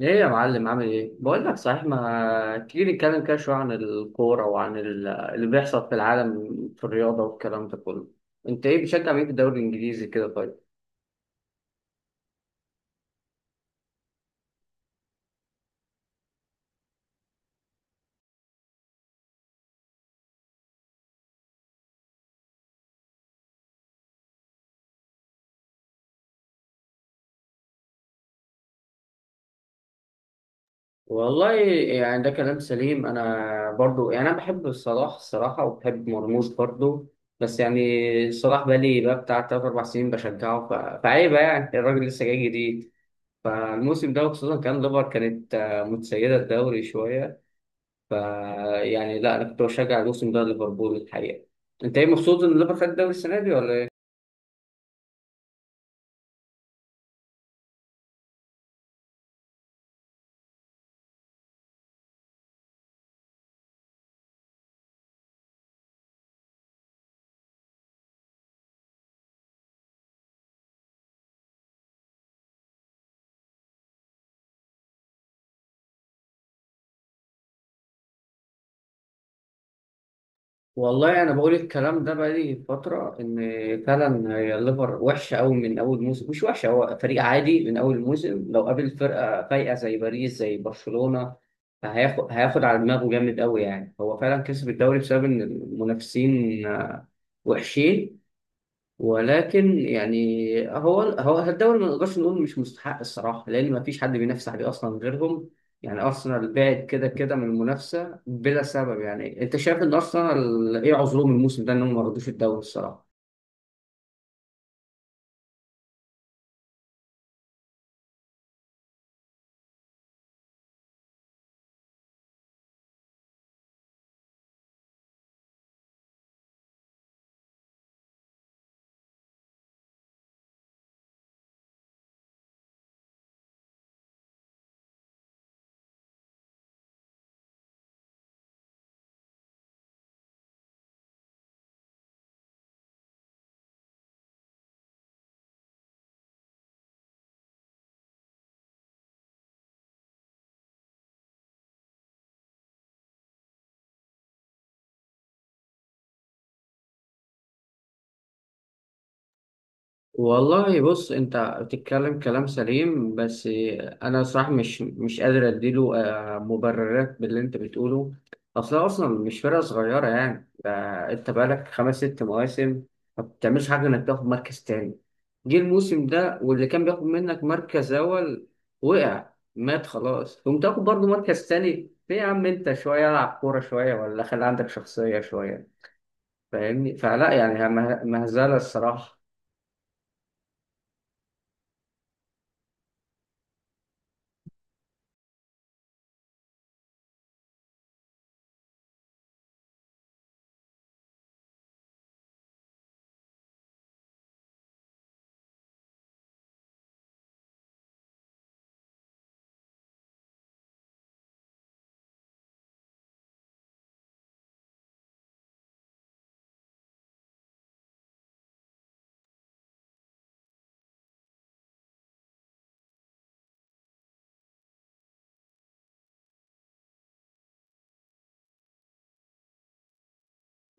ايه يا معلم، عامل ايه؟ بقول لك صحيح، ما تيجي نتكلم كده شوية عن الكورة وعن اللي بيحصل في العالم في الرياضة والكلام ده كله. انت ايه بتشجع مين في الدوري الانجليزي كده طيب؟ والله يعني ده كلام سليم. انا برضو يعني انا بحب صلاح الصراحة وبحب مرموش برضو. بس يعني صلاح بقالي بقى بتاع تلات أربع سنين بشجعه، فعيبة يعني، الراجل لسه جاي جديد. فالموسم ده، وخصوصا كان ليفر كانت متسيدة الدوري شوية. ف يعني لا، انا كنت بشجع الموسم ده ليفربول الحقيقه. انت ايه، مبسوط ان ليفربول خد الدوري السنه دي ولا ايه؟ والله انا بقول الكلام ده بقالي فتره، ان فعلا هي الليفر وحشه قوي من اول موسم. مش وحشه، هو فريق عادي، من اول موسم لو قابل فرقه فايقه زي باريس زي برشلونه هياخد على دماغه جامد قوي. يعني هو فعلا كسب الدوري بسبب ان المنافسين وحشين. ولكن يعني هو الدوري ما نقدرش نقول مش مستحق الصراحه، لان ما فيش حد بينافس عليه اصلا غيرهم. يعني ارسنال بعد كده كده من المنافسه بلا سبب. يعني انت شايف ان ارسنال ايه عذرهم الموسم ده انهم ما رضوش الدوري الصراحه؟ والله بص، انت بتتكلم كلام سليم. بس انا صراحة مش قادر اديله مبررات باللي انت بتقوله. اصلا اصلا مش فرقة صغيرة يعني ده. انت بقالك خمس ست مواسم ما بتعملش حاجة انك تاخد مركز تاني. جه الموسم ده واللي كان بياخد منك مركز اول، وقع، مات خلاص، قمت تاخد برضه مركز تاني؟ ليه يا عم، انت شوية العب كورة شوية، ولا خلي عندك شخصية شوية. فاهمني؟ فلا يعني، مهزلة الصراحة.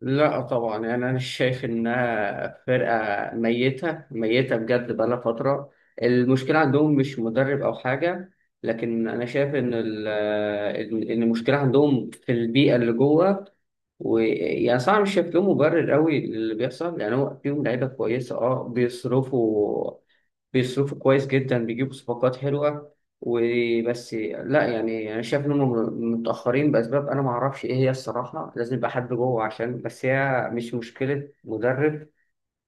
لا طبعا، يعني انا شايف انها فرقه ميته ميته بجد، بقالها فتره. المشكله عندهم مش مدرب او حاجه، لكن انا شايف ان المشكله عندهم في البيئه اللي جوه. ويعني صعب شايف له مبرر قوي للي بيحصل. يعني هو فيهم لعيبه كويسه، اه، بيصرفوا كويس جدا، بيجيبوا صفقات حلوه وبس. لا يعني انا شايف انهم متاخرين باسباب انا ما اعرفش ايه هي الصراحه. لازم يبقى حد جوه، عشان بس هي مش مشكله مدرب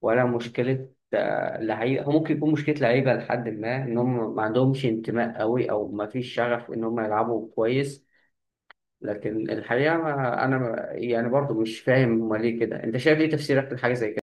ولا مشكله لعيبه. هو ممكن يكون مشكله لعيبه لحد ما، ان هم ما عندهمش انتماء قوي او ما فيش شغف ان هم يلعبوا كويس. لكن الحقيقة أنا يعني برضو مش فاهم هما ليه كده. أنت شايف إيه تفسيرك لحاجة زي كده؟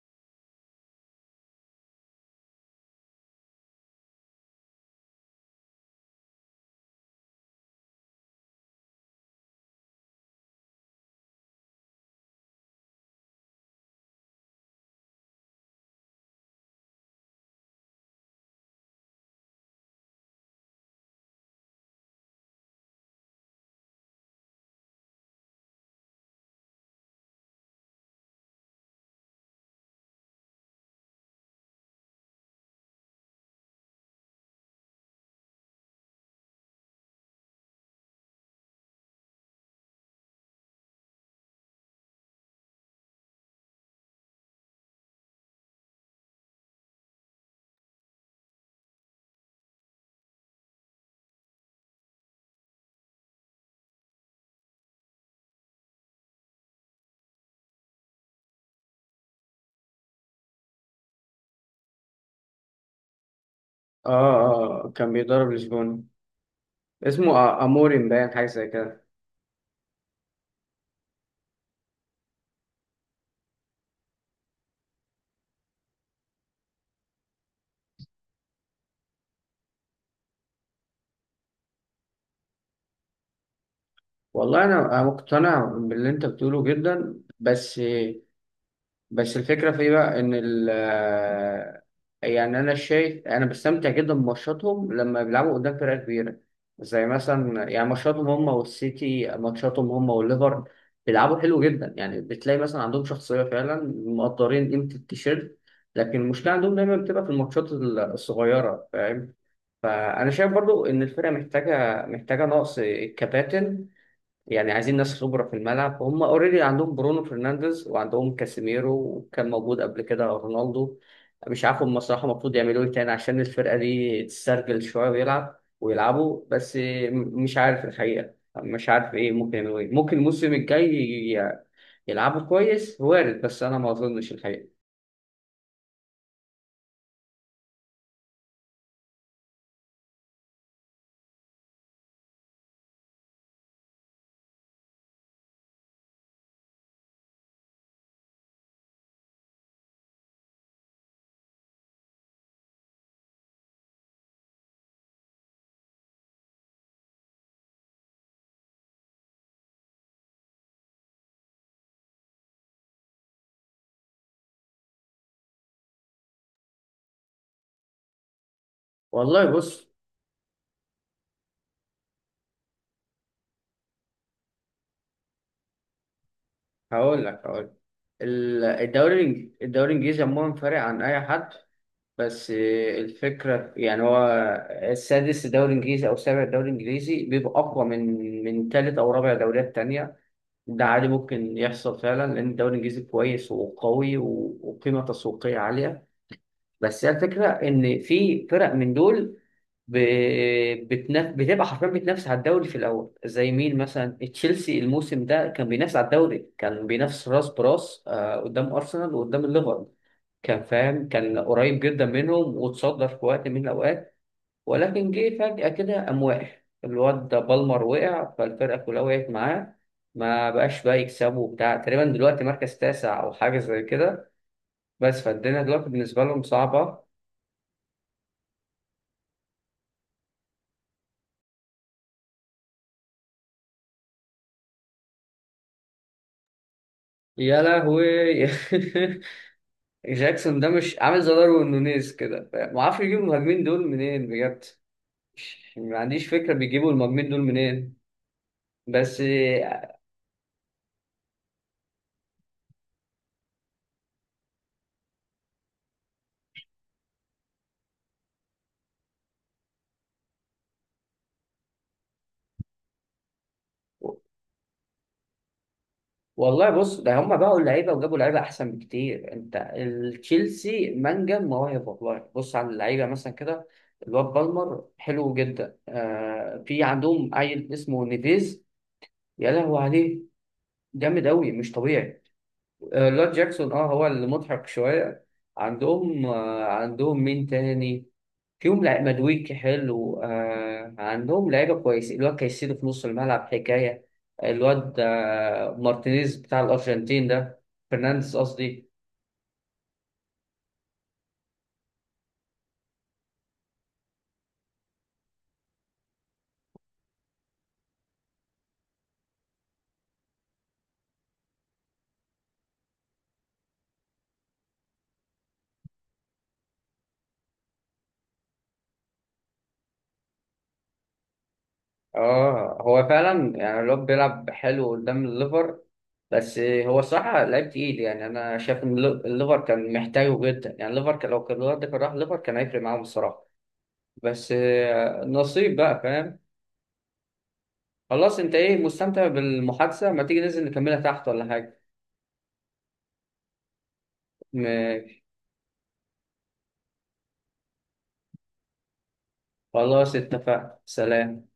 آه، آه، كان بيدرب لشبونة. اسمه أموري مبين حاجة زي كده. والله أنا مقتنع باللي أنت بتقوله جدا. بس بس الفكرة في ايه بقى، ان ال آه، يعني، انا شايف انا بستمتع جدا بماتشاتهم لما بيلعبوا قدام فرقة كبيرة. زي مثلا يعني ماتشاتهم هم والسيتي، ماتشاتهم هم والليفر، بيلعبوا حلو جدا. يعني بتلاقي مثلا عندهم شخصية، فعلا مقدرين قيمة التيشيرت. لكن المشكلة عندهم دايما بتبقى في الماتشات الصغيرة، فاهم؟ فأنا شايف برضو إن الفرقة محتاجة نقص كباتن. يعني عايزين ناس خبرة في الملعب. هم اوريدي عندهم برونو فرنانديز وعندهم كاسيميرو، وكان موجود قبل كده رونالدو. مش عارف هم الصراحة المفروض يعملوا ايه تاني عشان الفرقة دي تسترجل شوية ويلعب ويلعبوا. بس مش عارف الحقيقة، مش عارف ايه ممكن يعملوا، ايه ممكن الموسم الجاي يلعبوا كويس، وارد. بس انا ما اظنش الحقيقة. والله بص، هقول لك. الدوري الانجليزي عموما فارق عن اي حد. بس الفكرة يعني، هو السادس الدوري الإنجليزي أو السابع الدوري الإنجليزي بيبقى أقوى من تالت أو رابع دوريات تانية. ده عادي ممكن يحصل فعلا، لأن الدوري الإنجليزي كويس وقوي وقيمة تسويقية عالية. بس هي الفكرة إن في فرق من دول ب... بتبقى حرفيا بتنافس على الدوري في الأول. زي مين مثلا؟ تشيلسي الموسم ده كان بينافس على الدوري، كان بينافس راس براس قدام أرسنال وقدام الليفر. كان فاهم، كان قريب جدا منهم واتصدى في وقت من الأوقات. ولكن جه فجأة كده قام وقع. الواد ده بالمر وقع، فالفرقة كلها وقعت معاه. ما بقاش بقى يكسبوا وبتاع، تقريبا دلوقتي مركز تاسع أو حاجة زي كده. بس فالدنيا دلوقتي بالنسبة لهم صعبة. يا لهوي! جاكسون ده مش عامل زي داروين نونيز كده؟ ما اعرفش يجيبوا المهاجمين دول منين بجد. ما عنديش فكرة بيجيبوا المهاجمين دول منين. بس والله بص، ده هم باعوا اللعيبه وجابوا لعيبه احسن بكتير. انت، التشيلسي منجم مواهب. والله بص على اللعيبه مثلا كده، الواد بالمر حلو جدا. في عندهم عيل اسمه نيفيز، يا لهوي عليه، جامد قوي مش طبيعي. لارد جاكسون اه هو المضحك شوية. عندهم مين تاني فيهم؟ لعيب مدويكي حلو، عندهم لعيبة كويسة. الواد كايسيدو في نص الملعب حكاية. الواد مارتينيز بتاع الأرجنتين ده، فرنانديز قصدي. اه، هو فعلا يعني الواد بيلعب حلو قدام الليفر. بس هو صراحة لعيب تقيل. يعني أنا شايف إن الليفر كان محتاجه جدا. يعني لو كان الواد ده كان راح الليفر، كان هيفرق معاهم الصراحة. بس نصيب بقى، فاهم؟ خلاص، انت ايه، مستمتع بالمحادثة؟ ما تيجي ننزل نكملها تحت ولا حاجة؟ م- خلاص اتفقنا، سلام.